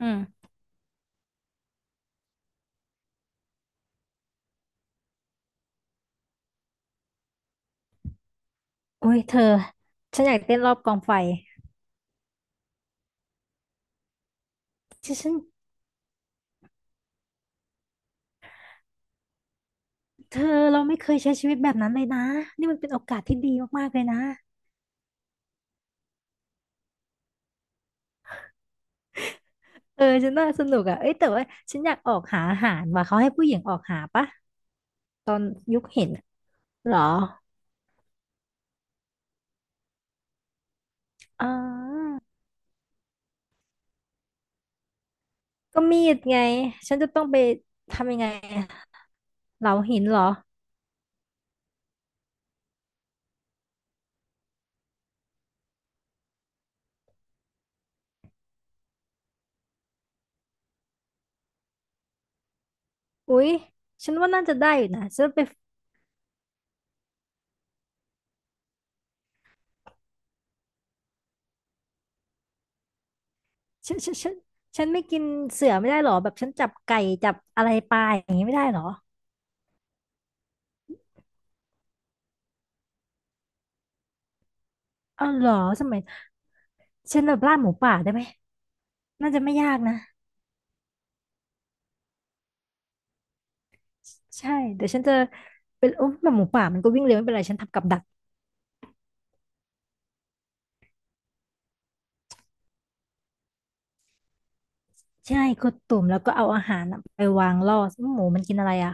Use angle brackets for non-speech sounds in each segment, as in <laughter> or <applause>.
อืมโอ้ยเธอฉันอยากเต้นรอบกองไฟฉันเธอเราไม่เคยใช้ชีวิตแบบนั้นเลยนะนี่มันเป็นโอกาสที่ดีมากๆเลยนะเออฉันน่าสนุกอ่ะเอ้ยแต่ว่าฉันอยากออกหาอาหารว่ะเขาให้ผู้หญิงออกหาปะตอนยุคเห็นอะเหรออ๋อก็มีดไงฉันจะต้องไปทำยังไงอะเหลาหินเหรออุ๊ยฉันว่าน่าจะได้อยู่นะฉันไปฉันฉันไม่กินเสือไม่ได้เหรอแบบฉันจับไก่จับอะไรปลาอย่างนี้ไม่ได้เหรออ้าวเหรอสมัย ฉันแบบล่าหมูป่าได้ไหมน่าจะไม่ยากนะใช่เดี๋ยวฉันจะเป็นโอ้แบบหมูป่ามันก็วิ่งเร็วไม่เป็นไรฉันทำกับดักใช่กดตุ่มแล้วก็เอาอาหารน่ะไปวางล่อหมูมันกินอะไรอ่ะ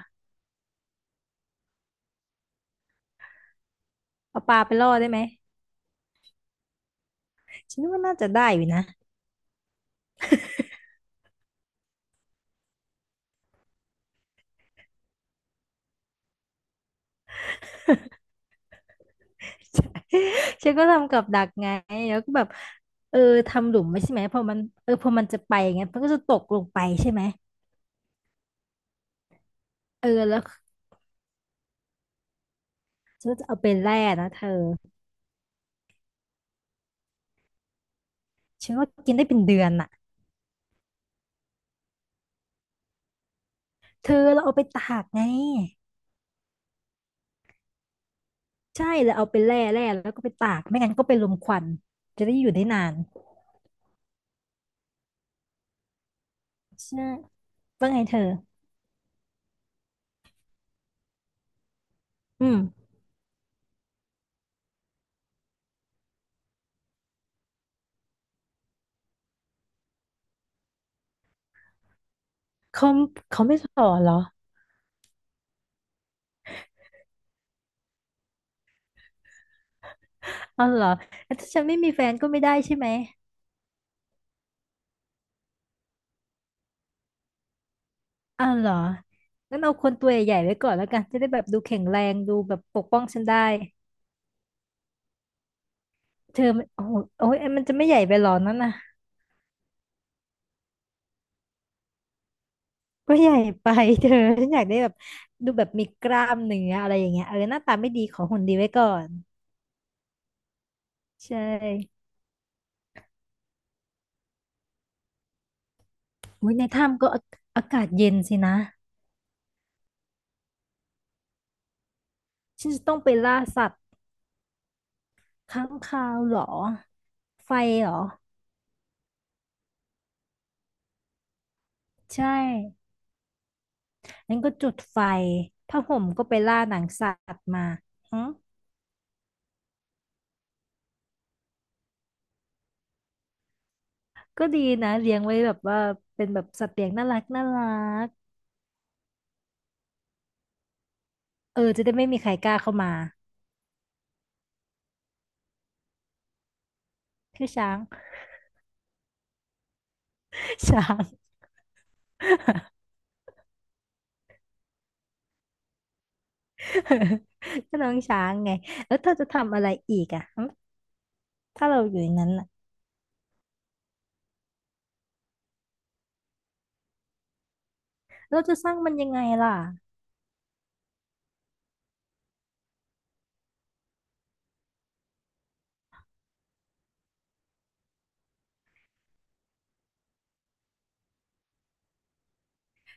เอาปลาไปล่อได้ไหมฉันว่าน่าจะได้อยู่นะ <laughs> ฉันก็ทำกับดักไงแล้วก็แบบเออทำหลุมไว้ใช่ไหมพอมันเออพอมันจะไปอย่างเงี้ยมันก็จะตกลงไปใช่ไหมเออแล้วฉันก็จะเอาไปแล่นะเธอฉันว่ากินได้เป็นเดือนอ่ะเธอเราเอาไปตากไง ใช่แล้วเอาไปแล่แล่แล้วก็ไปตากไม่งั้นก็เป็นลมควันจะได้อยู่ได้นานใช่ว่าไงเธออืมเขาเขาไม่สอนเหรอเอาเหรอแล้วถ้าฉันไม่มีแฟนก็ไม่ได้ใช่ไหมเอาเหรองั้นเอาคนตัวใหญ่ๆไว้ก่อนแล้วกันจะได้แบบดูแข็งแรงดูแบบปกป้องฉันได้เธอมันโอ้โหโอ้ยมันจะไม่ใหญ่ไปเหรอนั่นน่ะก็ใหญ่ไปเธอฉันอยากได้แบบดูแบบมีกล้ามเนื้ออะไรอย่างเงี้ยเออหน้าตาไม่ดีขอหุ่นดีไว้ก่อนใช่โอ้ยในถ้ำก็อาอากาศเย็นสินะ ฉันจะต้องไปล่าสัตว์ค้างคาวเหรอไฟเหรอใช่งั้นก็จุดไฟผ้าห่มก็ไปล่าหนังสัตว์มาอืมก็ดีนะเลี้ยงไว้แบบว่าเป็นแบบสัตว์เลี้ยงน่ารักน่ารักเออจะได้ไม่มีใครกล้าเข้ามาคือช้าง <laughs> ช้าง <laughs> ก็น้องช้างไงแล้วเธอจะทำอะไรอีกอ่ะหึถ้าเราอยู่ในนั้นอ่ะเราจะสร้างมันยังไงล่ะ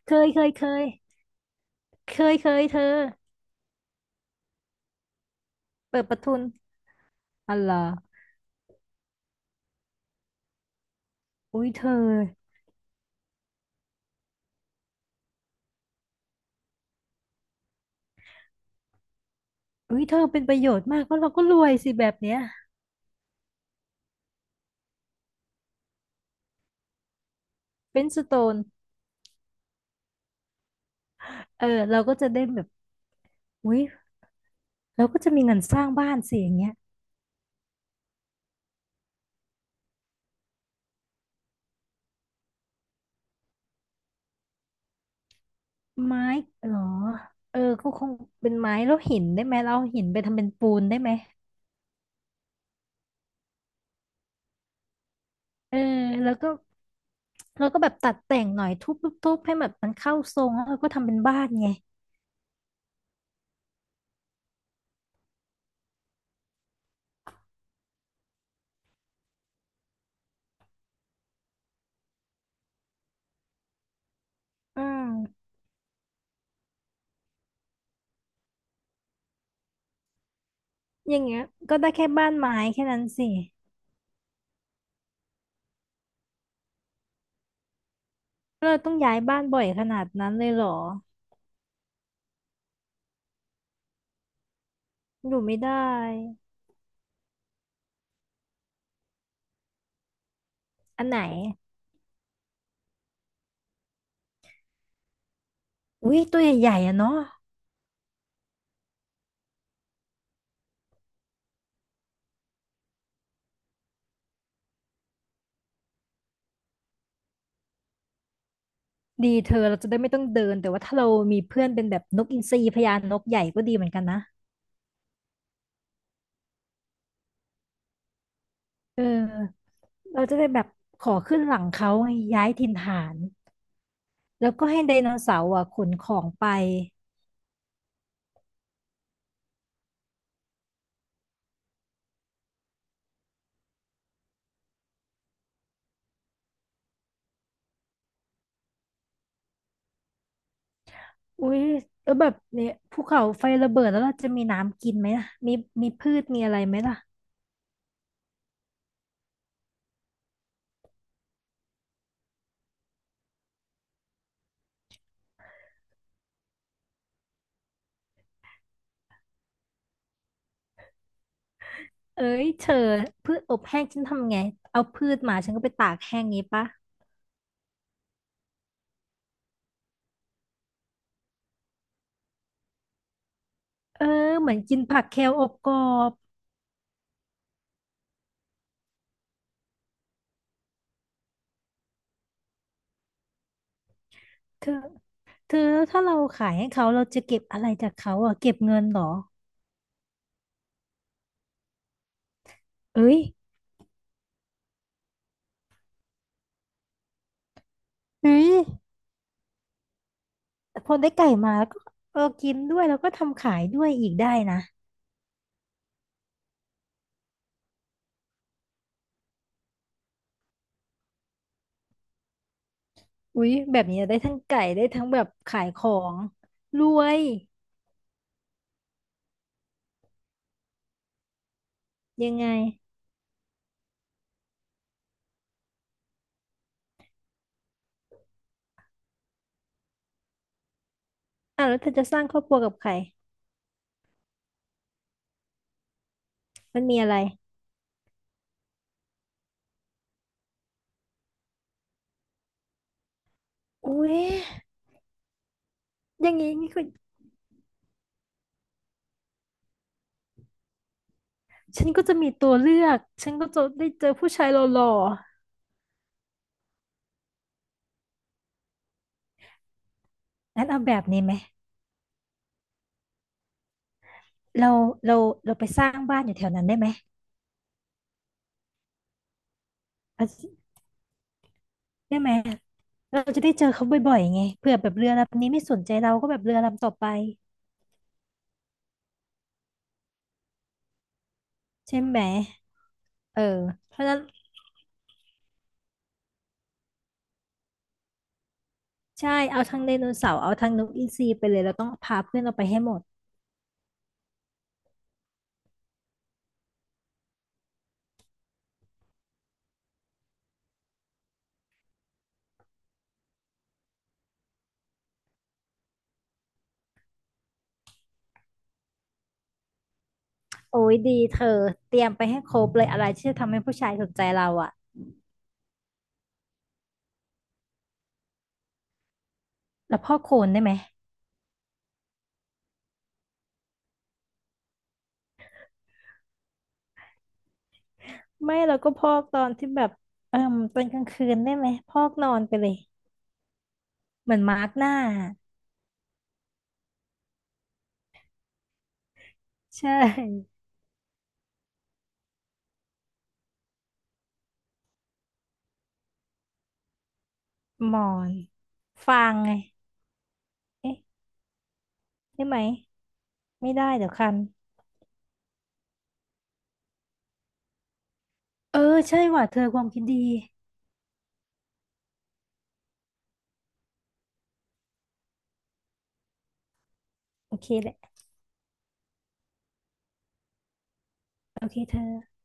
เคยเคยเคยเคยเคยเธอเปิดประทุนอะไรออุ้ยเธอ อุ้ยเธอเป็นประโยชน์มากเพราะเราก็รวยสิแบบเนี้ยเป็นสโตนเออเราก็จะได้แบบอุ้ยเราก็จะมีเงินสร้างบ้านสิอย่างเงี้ยไม้เหรอเออก็คงเป็นไม้แล้วหินได้ไหมเราเอาหินไปทำเป็นปูนได้ไหมเออแล้วก็เราก็แบบตัดแต่งหน่อยทุบทุบทุบให้แบบมันเข้าทรงแล้วเราก็ทำเป็นบ้านไงอืมอย่างเงี้ยก็ได้แค่บ้านไม้แค่นั้นสิเราต้องย้ายบ้านบ่อยขนาดนั้นเลยเหรออยู่ไม่ได้อันไหนอุ้ยตัวใหญ่ๆอ่ะเนาะ ดีเธอเราจะได้ไม่ต้องเดินแต่ว่าถ้าเรามีเพื่อนเป็นแบบนกอินทรีพญานกใหญ่ก็ดีเหมือนกันนะเออเราจะได้แบบขอขึ้นหลังเขาไงย้ายถิ่นฐานแล้วก็ให้ไดโนเสาร์อ่ะขนของไปอุ้ยแล้วแบบเนี่ยภูเขาไฟระเบิดแล้วเราจะมีน้ำกินไหมล่ะมีมีพืชมีอะไรไหมล่ะเอ้ยเธอพืชอบแห้งฉันทำไงเอาพืชมาฉันก็ไปตากแห้งงี้ปะเออเหมือนกินผักแคลอบกรอบเธอ เธอแล้วถ้าเราขายให้เขาเราจะเก็บอะไรจากเขาอ่ะเก็บเงินเหรอเอ้ยเฮ้ยแต่พอได้ไก่มาแล้วก็เออกินด้วยแล้วก็ทำขายด้วยอีกได้นะอุ้ยแบบนี้ได้ทั้งไก่ได้ทั้งแบบขายของรวยยังไงอ่ะแล้วเธอจะสร้างครอบครัวกับใครมันมีอะไรอุ้ยอย่างงี้นี่คือฉันก็จะมีตัวเลือกฉันก็จะได้เจอผู้ชายหล่อๆงั้นเอาแบบนี้ไหมเราเราเราไปสร้างบ้านอยู่แถวนั้นได้ไหมเอาได้ไหม เราจะได้เจอเขาบ่อยๆไงเผื่อแบบเรือลำนี้ไม่สนใจเราก็แบบเรือลำต่อไปใช่ไหมเออเพราะฉะนั้นใช่เอาทั้งไดโนเสาร์เอาทั้งนกอินทรีไปเลยเราต้องพาเพื่อนเราไปให้หมดโอ้ยดีเธอเตรียมไปให้ครบเลยอะไรที่จะทำให้ผู้ชายสนใจเราอะแล้วพอกโคลนได้ไหมไม่เราก็พอกตอนที่แบบเออตอนกลางคืนได้ไหมพอกนอนไปเลยเหมือนมาร์กหน้าใช่หมอนฟางไงเอ๊ะได้ไหมไม่ได้เดี๋ยวคันเออใช่ว่ะเธอความคิดดี โอเคแหละโอเคเธอ